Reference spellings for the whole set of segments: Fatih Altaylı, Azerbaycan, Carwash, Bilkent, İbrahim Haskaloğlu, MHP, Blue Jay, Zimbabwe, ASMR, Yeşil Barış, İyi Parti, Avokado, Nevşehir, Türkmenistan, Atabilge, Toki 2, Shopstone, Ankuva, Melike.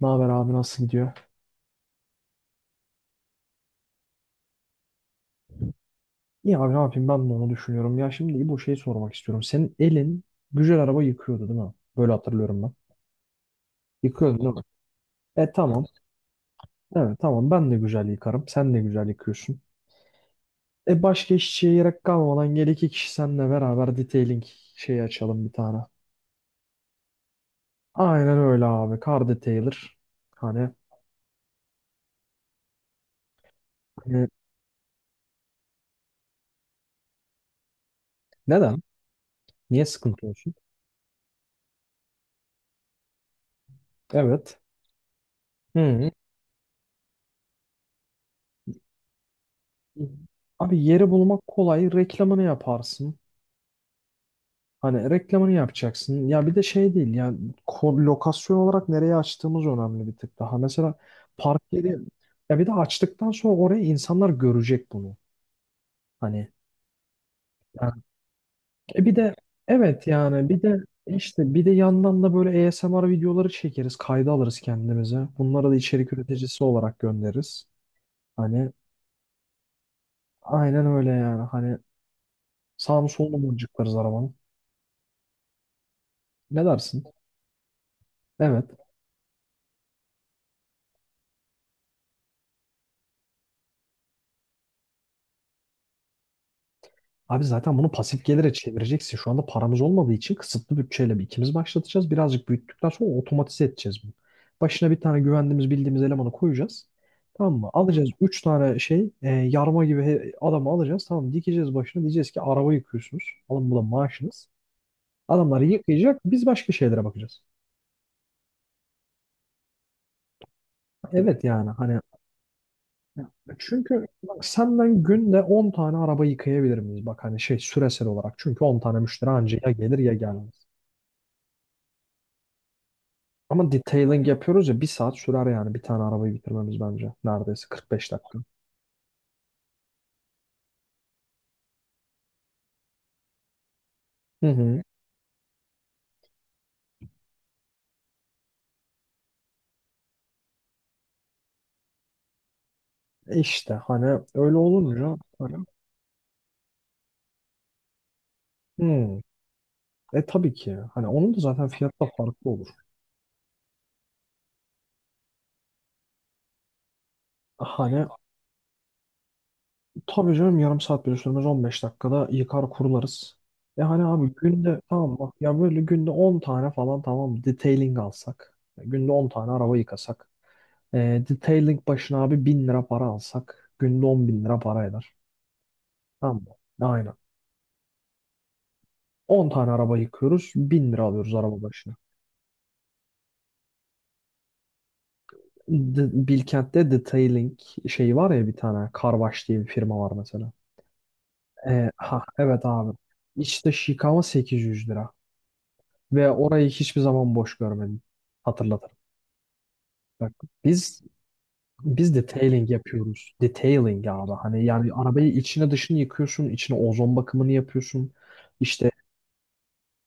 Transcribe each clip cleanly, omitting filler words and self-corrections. Ne haber abi, nasıl gidiyor? İyi abi, ne yapayım, ben de onu düşünüyorum. Ya şimdi bu şeyi sormak istiyorum. Senin elin güzel araba yıkıyordu değil mi? Böyle hatırlıyorum ben. Yıkıyordun değil mi? E tamam. Evet, tamam, ben de güzel yıkarım. Sen de güzel yıkıyorsun. E başka işçiye gerek kalmadan gel iki kişi seninle beraber detailing şeyi açalım bir tane. Aynen öyle abi. Car detailer. Hani, e, neden? Niye sıkıntı olsun? Evet. Hı. Abi yeri bulmak kolay. Reklamını yaparsın. Hani reklamını yapacaksın. Ya bir de şey değil. Ya lokasyon olarak nereye açtığımız önemli, bir tık daha. Mesela park yeri, ya bir de açtıktan sonra oraya insanlar görecek bunu. Hani yani, bir de evet yani bir de işte bir de yandan da böyle ASMR videoları çekeriz, kayda alırız kendimize. Bunları da içerik üreticisi olarak göndeririz. Hani aynen öyle yani. Hani sağını solunu mıncıklarız arabanın. Ne dersin? Evet. Abi zaten bunu pasif gelire çevireceksin. Şu anda paramız olmadığı için kısıtlı bütçeyle bir ikimiz başlatacağız. Birazcık büyüttükten sonra otomatize edeceğiz bunu. Başına bir tane güvendiğimiz bildiğimiz elemanı koyacağız. Tamam mı? Alacağız 3 tane şey, yarma gibi adamı alacağız. Tamam, dikeceğiz başına, diyeceğiz ki araba yıkıyorsunuz. Alın, bu da maaşınız. Adamları yıkayacak, biz başka şeylere bakacağız. Evet yani hani, çünkü bak, senden günde 10 tane araba yıkayabilir miyiz? Bak hani şey, süresel olarak. Çünkü 10 tane müşteri anca ya gelir ya gelmez. Ama detailing yapıyoruz ya, bir saat sürer yani, bir tane arabayı bitirmemiz bence. Neredeyse 45 dakika. Hı hı. İşte hani öyle olunca hani, hı. E tabii ki, hani onun da zaten fiyatı da farklı olur. Hani tabii canım, yarım saat bile sürmez, 15 dakikada yıkar kurularız. E hani abi günde, tamam bak, ya böyle günde 10 tane falan tamam detailing alsak. Günde 10 tane araba yıkasak. E, detailing başına abi 1000 lira para alsak. Günde 10 bin lira para eder. Tamam mı? Aynen. 10 tane araba yıkıyoruz, 1000 lira alıyoruz araba başına. Bilkent'te detailing şeyi var ya, bir tane. Carwash diye bir firma var mesela. Ha evet abi. İşte yıkama 800 lira. Ve orayı hiçbir zaman boş görmedim. Hatırlatırım. Bak, biz biz detailing yapıyoruz. Detailing abi. Hani yani arabayı içine dışını yıkıyorsun, içine ozon bakımını yapıyorsun. İşte,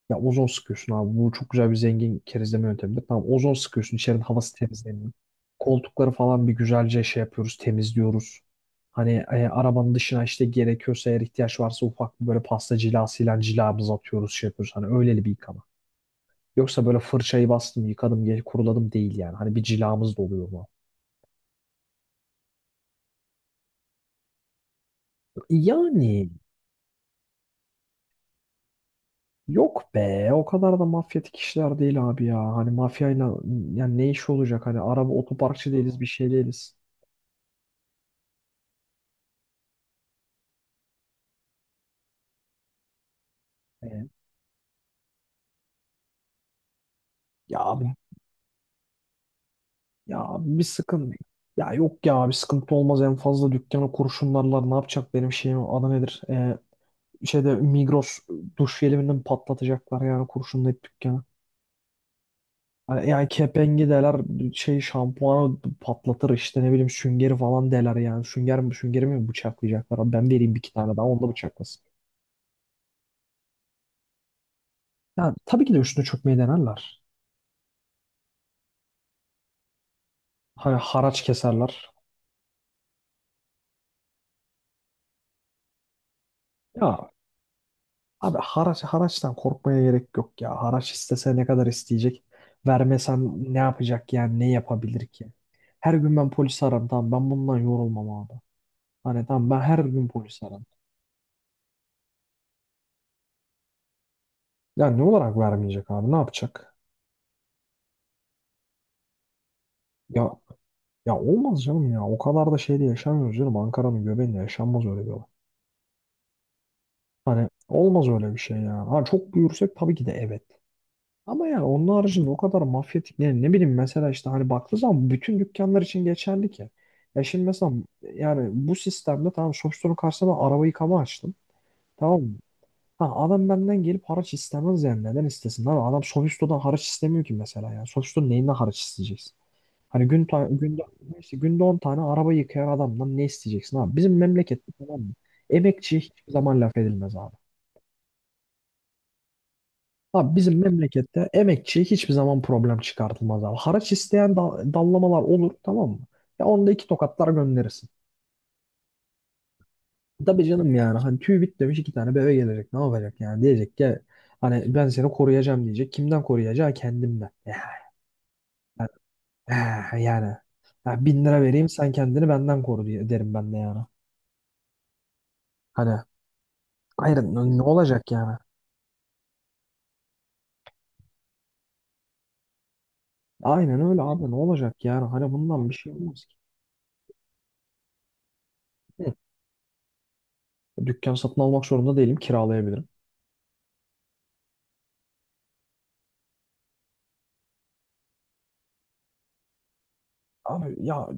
ya ozon sıkıyorsun abi. Bu çok güzel bir zengin kerizleme yöntemidir. Tamam, ozon sıkıyorsun, İçerinin havası temizleniyor. Koltukları falan bir güzelce şey yapıyoruz, temizliyoruz. Hani arabanın dışına işte, gerekiyorsa, eğer ihtiyaç varsa, ufak bir böyle pasta cilasıyla cilamızı atıyoruz, şey yapıyoruz. Hani öyleli bir yıkama. Yoksa böyle fırçayı bastım yıkadım kuruladım değil yani. Hani bir cilamız da oluyor mu? Yani yok be, o kadar da mafyatik işler değil abi ya. Hani mafyayla yani, ne iş olacak, hani araba otoparkçı değiliz, bir şey değiliz. E, ya abi Ya abi, bir sıkın. Ya yok ya, bir sıkıntı olmaz, en fazla dükkanı kurşunlarlar, ne yapacak, benim şeyim adı nedir? Şeyde Migros duş jeliminden patlatacaklar yani, kurşunlayıp dükkanı. Hani yani kepengi deler, şey şampuanı patlatır, işte ne bileyim, süngeri falan deler yani. Sünger mi süngeri mi bıçaklayacaklar abi, ben vereyim bir iki tane daha, onu da bıçaklasın. Yani tabii ki de üstüne çökmeyi denerler. Hani haraç keserler. Ya abi, haraç, haraçtan korkmaya gerek yok ya. Haraç istese ne kadar isteyecek? Vermesem ne yapacak yani? Ne yapabilir ki? Her gün ben polis ararım. Tamam, ben bundan yorulmam abi. Hani tamam, ben her gün polis ararım. Ya ne olarak vermeyecek abi? Ne yapacak? Ya, ya olmaz canım ya. O kadar da şeyde yaşamıyoruz canım. Ankara'nın göbeğinde yaşanmaz öyle bir olay. Hani olmaz öyle bir şey ya. Ha, çok büyürsek tabii ki de evet. Ama yani onun haricinde o kadar mafyatik, yani ne bileyim, mesela işte hani baktığı zaman bütün dükkanlar için geçerli ki. Ya şimdi mesela yani, bu sistemde tamam, Shopstone'un karşısına ben araba yıkama açtım. Tamam mı? Ha, adam benden gelip haraç istemez yani, neden istesin abi? Adam Shopstone'dan haraç istemiyor ki mesela yani. Shopstone neyinden haraç isteyeceksin? Hani gün günde işte, günde 10 tane araba yıkayan adamdan ne isteyeceksin abi? Bizim memlekette, tamam mı? Emekçiye hiçbir zaman laf edilmez abi. Abi bizim memlekette emekçiye hiçbir zaman problem çıkartılmaz abi. Haraç isteyen dallamalar olur, tamam mı? Ya onda iki tokatlar gönderirsin. Tabii canım yani hani, tüy bit demiş iki tane bebe gelecek, ne yapacak yani, diyecek ki hani ben seni koruyacağım diyecek. Kimden koruyacağı? Kendimden. Yani, ya bin lira vereyim sen kendini benden koru diye derim ben de yani. Hani hayır, ne olacak yani? Aynen öyle abi, ne olacak yani, hani bundan bir şey olmaz ki. Hı. Dükkan satın almak zorunda değilim, kiralayabilirim. Abi ya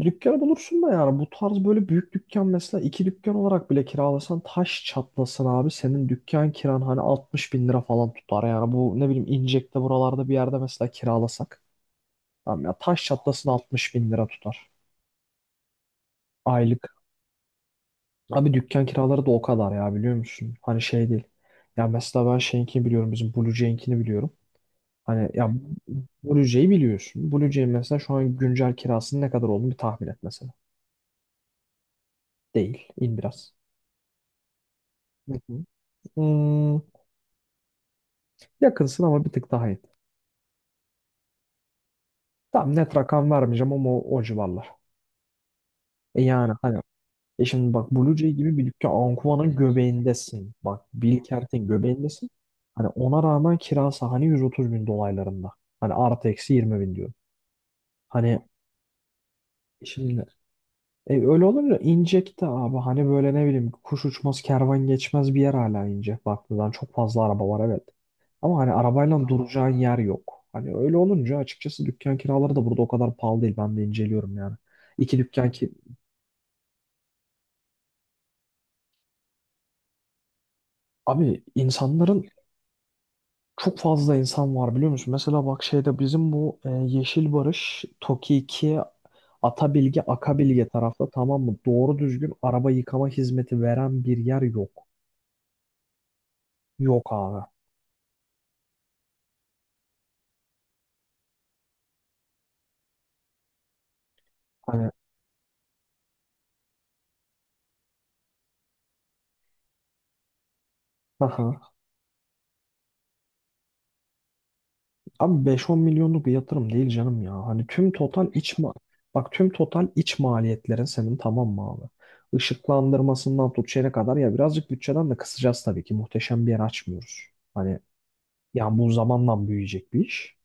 dükkanı bulursun da yani, bu tarz böyle büyük dükkan mesela iki dükkan olarak bile kiralasan taş çatlasın abi, senin dükkan kiran hani 60.000 lira falan tutar yani, bu ne bileyim İncek'te buralarda bir yerde mesela kiralasak, tamam ya, taş çatlasın 60.000 lira tutar aylık. Abi dükkan kiraları da o kadar ya, biliyor musun? Hani şey değil. Ya mesela ben şeyinkini biliyorum, bizim Blue Jay'inkini biliyorum. Hani ya, Blue Jay'i biliyorsun. Blue Jay'in mesela şu an güncel kirasının ne kadar olduğunu bir tahmin et mesela. Değil. İn biraz. Hmm, yakınsın ama bir tık daha iyi. Tam net rakam vermeyeceğim ama o civarlar. Yani hani şimdi bak Blue Jay gibi bir dükkan Ankuva'nın göbeğindesin. Bak Bilkent'in göbeğindesin. Hani ona rağmen kirası hani 130 bin dolaylarında. Hani artı eksi 20 bin diyorum. Hani şimdi, öyle olunca inecekti abi. Hani böyle ne bileyim, kuş uçmaz kervan geçmez bir yer, hala ince. Baktığından çok fazla araba var evet. Ama hani arabayla duracağın yer yok. Hani öyle olunca açıkçası dükkan kiraları da burada o kadar pahalı değil. Ben de inceliyorum yani. İki dükkan ki abi insanların, çok fazla insan var biliyor musun? Mesela bak şeyde bizim bu, Yeşil Barış, Toki 2, Atabilge, Akabilge tarafta, tamam mı? Doğru düzgün araba yıkama hizmeti veren bir yer yok. Yok abi. Hani abi, beş on milyonluk bir yatırım değil canım ya. Hani tüm total iç ma bak, tüm total iç maliyetlerin senin, tamam mı abi? Işıklandırmasından tut şeye kadar ya, birazcık bütçeden de kısacağız tabii ki. Muhteşem bir yer açmıyoruz. Hani yani bu zamanla büyüyecek bir iş.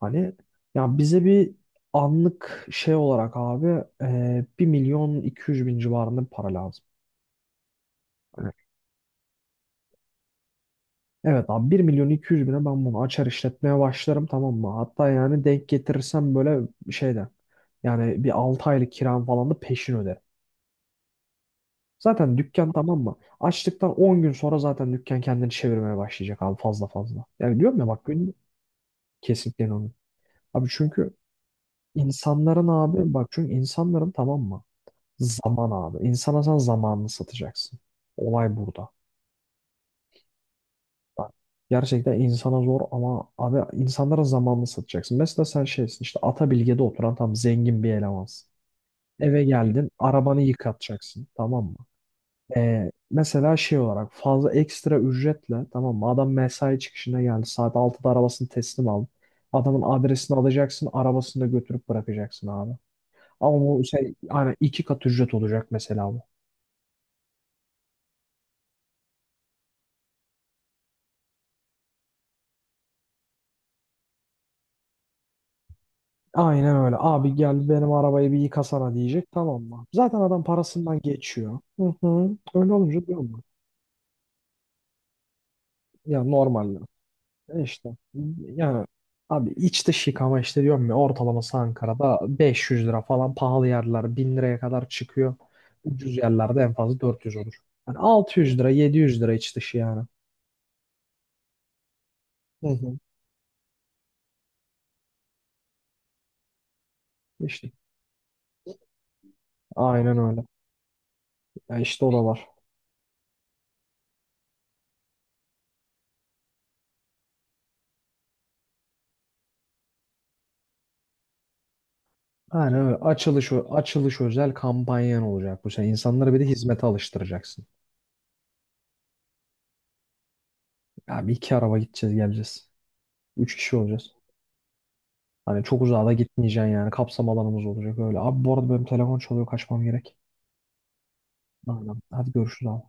Hani ya, bize bir anlık şey olarak abi, 1 milyon iki yüz bin civarında bir para lazım. Hani evet abi, 1.200.000'e ben bunu açar işletmeye başlarım, tamam mı? Hatta yani denk getirirsem böyle şeyden yani, bir 6 aylık kiram falan da peşin öderim. Zaten dükkan, tamam mı? Açtıktan 10 gün sonra zaten dükkan kendini çevirmeye başlayacak abi, fazla fazla. Yani diyorum ya bak gün, kesinlikle inanıyorum. Abi çünkü insanların abi bak, çünkü insanların, tamam mı? Zaman abi. İnsana sen zamanını satacaksın. Olay burada. Gerçekten insana zor ama abi insanlara zamanını satacaksın. Mesela sen şeysin işte, Atabilge'de oturan tam zengin bir elemansın. Eve geldin, arabanı yıkatacaksın, tamam mı? Mesela şey olarak fazla ekstra ücretle, tamam mı? Adam mesai çıkışına geldi, saat 6'da arabasını teslim aldı. Adamın adresini alacaksın, arabasını da götürüp bırakacaksın abi. Ama bu şey hani iki kat ücret olacak mesela bu. Aynen öyle. Abi gel benim arabayı bir yıkasana diyecek, tamam mı? Zaten adam parasından geçiyor. Hı hı. Öyle olunca diyor mu? Ya normalde. Ya. İşte yani abi iç dış yıkama, işte diyorum ya, ortalaması Ankara'da 500 lira falan, pahalı yerler 1000 liraya kadar çıkıyor. Ucuz yerlerde en fazla 400 olur. Yani 600 lira 700 lira iç dışı yani. Hı hı. İşte aynen öyle. Ya işte o da var. Aynen öyle. Açılış, açılış özel kampanyan olacak bu sene. İnsanları bir de hizmete alıştıracaksın. Ya bir iki araba gideceğiz geleceğiz. Üç kişi olacağız. Hani çok uzağa da gitmeyeceksin yani. Kapsam alanımız olacak öyle. Abi bu arada benim telefon çalıyor, kaçmam gerek. Aynen. Hadi görüşürüz abi.